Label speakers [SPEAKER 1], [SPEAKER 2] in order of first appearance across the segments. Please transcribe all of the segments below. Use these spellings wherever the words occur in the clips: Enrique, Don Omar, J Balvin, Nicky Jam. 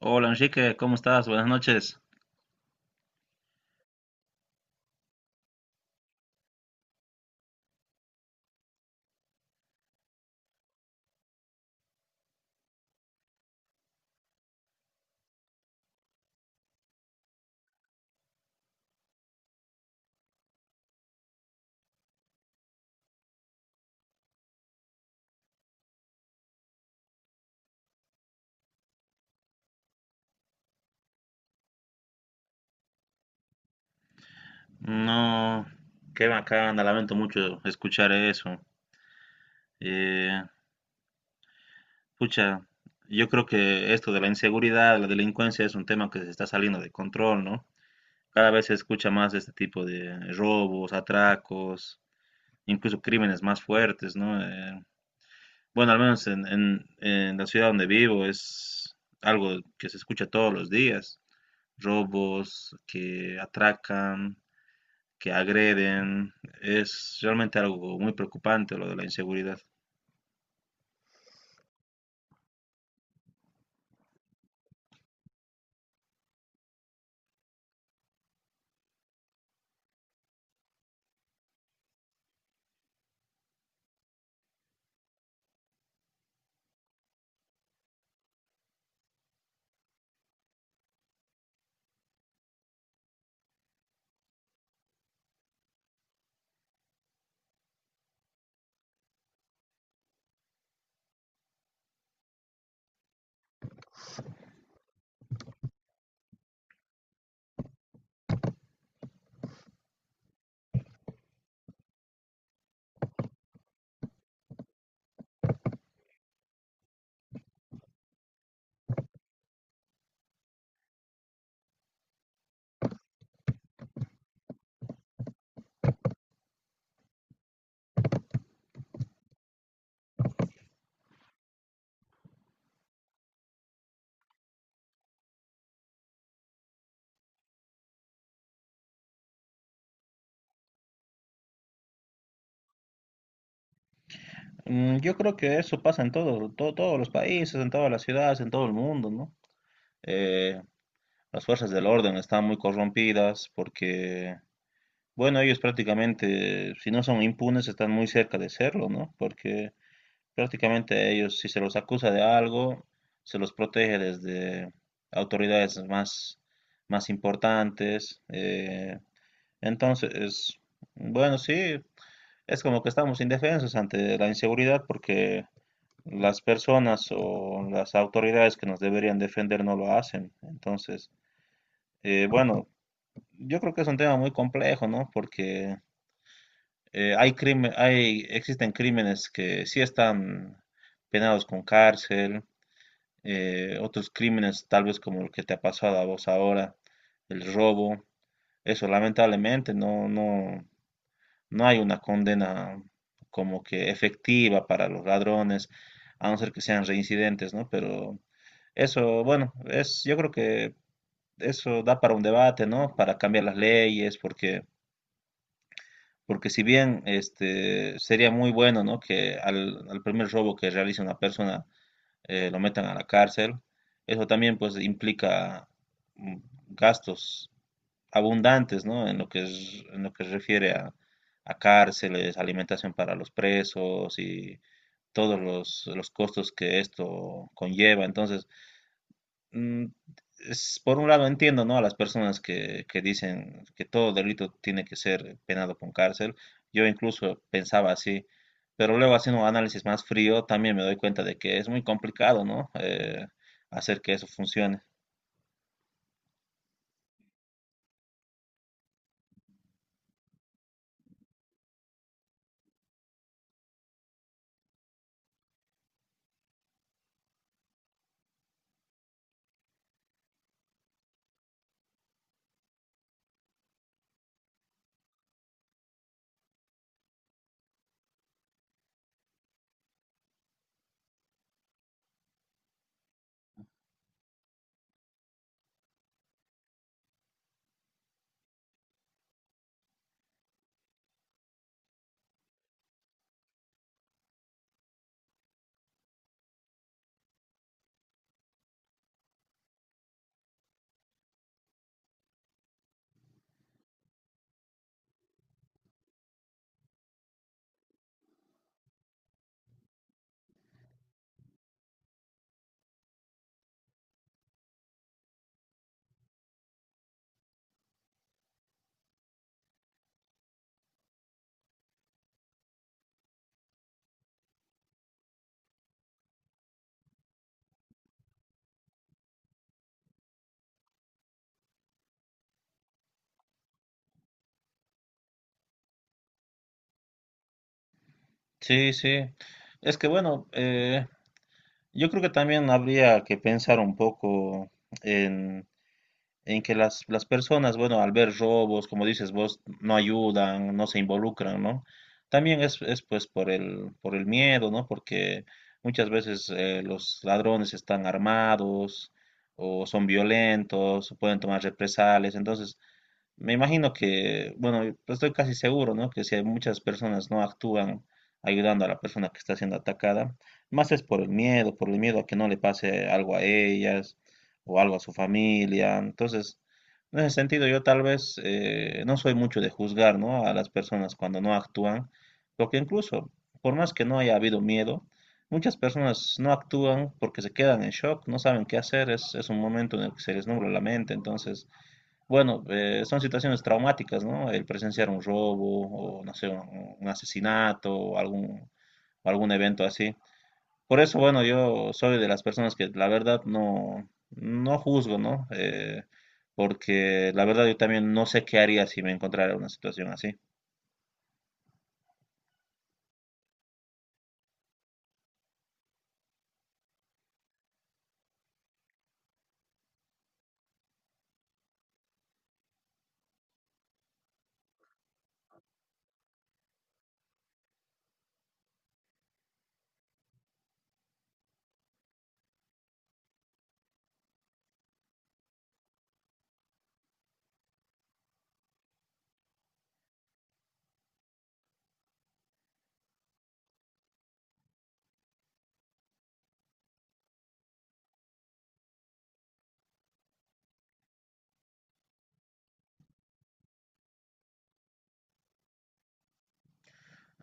[SPEAKER 1] Hola Enrique, ¿cómo estás? Buenas noches. No, qué bacana, lamento mucho escuchar eso. Eh, pucha, yo creo que esto de la inseguridad, la delincuencia es un tema que se está saliendo de control, ¿no? Cada vez se escucha más de este tipo de robos, atracos, incluso crímenes más fuertes, ¿no? Bueno, al menos en la ciudad donde vivo es algo que se escucha todos los días. Robos que atracan, que agreden. Es realmente algo muy preocupante lo de la inseguridad. Yo creo que eso pasa en todos los países, en todas las ciudades, en todo el mundo, ¿no? Eh, las fuerzas del orden están muy corrompidas porque, bueno, ellos prácticamente, si no son impunes, están muy cerca de serlo, ¿no? Porque prácticamente a ellos, si se los acusa de algo, se los protege desde autoridades más importantes. Entonces, bueno, sí, es como que estamos indefensos ante la inseguridad porque las personas o las autoridades que nos deberían defender no lo hacen. Entonces, bueno, yo creo que es un tema muy complejo, ¿no? Porque hay crimen, hay, existen crímenes que sí están penados con cárcel, otros crímenes tal vez como el que te ha pasado a vos ahora, el robo. Eso lamentablemente no, hay una condena como que efectiva para los ladrones, a no ser que sean reincidentes, ¿no? Pero eso, bueno, es, yo creo que eso da para un debate, ¿no? Para cambiar las leyes, porque, porque si bien este sería muy bueno, ¿no? Que al primer robo que realice una persona lo metan a la cárcel, eso también pues implica mm, gastos abundantes, ¿no? En lo que es, en lo que se refiere a cárceles, alimentación para los presos y todos los costos que esto conlleva. Entonces, mm, por un lado entiendo, ¿no? A las personas que dicen que todo delito tiene que ser penado con cárcel. Yo incluso pensaba así, pero luego haciendo un análisis más frío también me doy cuenta de que es muy complicado, ¿no? Hacer que eso funcione. Sí, sí. Es que bueno, yo creo que también habría que pensar un poco en, en que las personas, bueno, al ver robos, como dices vos, no ayudan, no se involucran, ¿no? También es pues por por el miedo, ¿no? Porque muchas veces los ladrones están armados o son violentos, o pueden tomar represalias, entonces me imagino que, bueno, estoy casi seguro, ¿no? Que si hay muchas personas no actúan ayudando a la persona que está siendo atacada, más es por el miedo a que no le pase algo a ellas o algo a su familia. Entonces, en ese sentido, yo tal vez no soy mucho de juzgar, ¿no? A las personas cuando no actúan, porque incluso, por más que no haya habido miedo, muchas personas no actúan porque se quedan en shock, no saben qué hacer, es un momento en el que se les nubla la mente, entonces... Bueno, son situaciones traumáticas, ¿no? El presenciar un robo o, no sé, un asesinato o algún, algún evento así. Por eso, bueno, yo soy de las personas que la verdad no, no juzgo, ¿no? Porque la verdad yo también no sé qué haría si me encontrara en una situación así.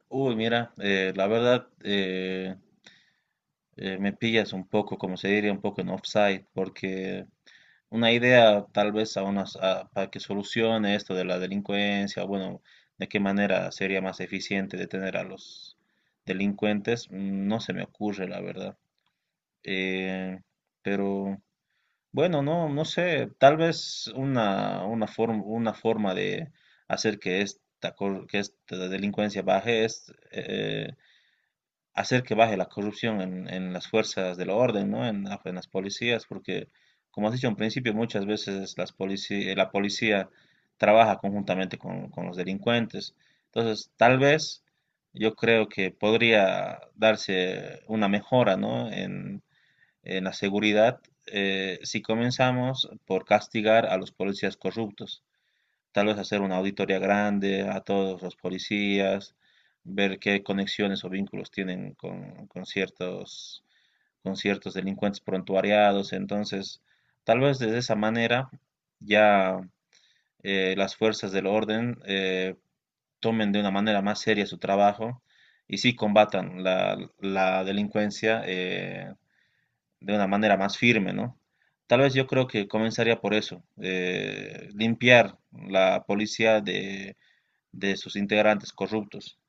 [SPEAKER 1] Uy, mira, la verdad me pillas un poco, como se diría, un poco en offside, porque una idea tal vez a unas, para que solucione esto de la delincuencia, bueno, de qué manera sería más eficiente detener a los delincuentes, no se me ocurre, la verdad. Eh, pero bueno, no, no sé, tal vez una forma de hacer que esta, que esta delincuencia baje es... hacer que baje la corrupción en las fuerzas del orden, ¿no? En, en las policías, porque, como has dicho en principio, muchas veces la policía trabaja conjuntamente con los delincuentes. Entonces, tal vez yo creo que podría darse una mejora, ¿no? En la seguridad si comenzamos por castigar a los policías corruptos. Tal vez hacer una auditoría grande a todos los policías, ver qué conexiones o vínculos tienen con ciertos delincuentes prontuariados. Entonces, tal vez de esa manera ya las fuerzas del orden tomen de una manera más seria su trabajo y sí combatan la delincuencia de una manera más firme, ¿no? Tal vez yo creo que comenzaría por eso, limpiar la policía de sus integrantes corruptos.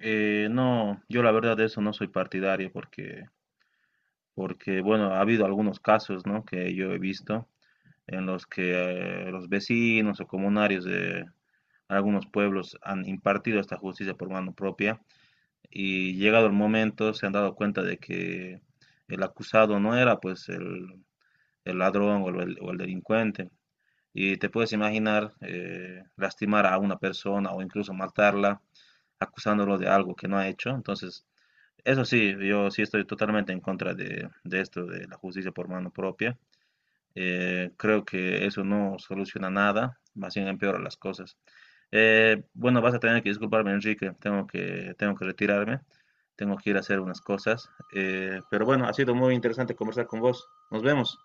[SPEAKER 1] No, yo la verdad de eso no soy partidario porque, porque, bueno, ha habido algunos casos, ¿no? que yo he visto en los que los vecinos o comunarios de algunos pueblos han impartido esta justicia por mano propia y llegado el momento se han dado cuenta de que el acusado no era pues el ladrón o el delincuente, y te puedes imaginar lastimar a una persona o incluso matarla acusándolo de algo que no ha hecho. Entonces, eso sí, yo sí estoy totalmente en contra de esto, de la justicia por mano propia. Creo que eso no soluciona nada, más bien empeora las cosas. Bueno, vas a tener que disculparme, Enrique, tengo que retirarme, tengo que ir a hacer unas cosas. Pero bueno, ha sido muy interesante conversar con vos. Nos vemos.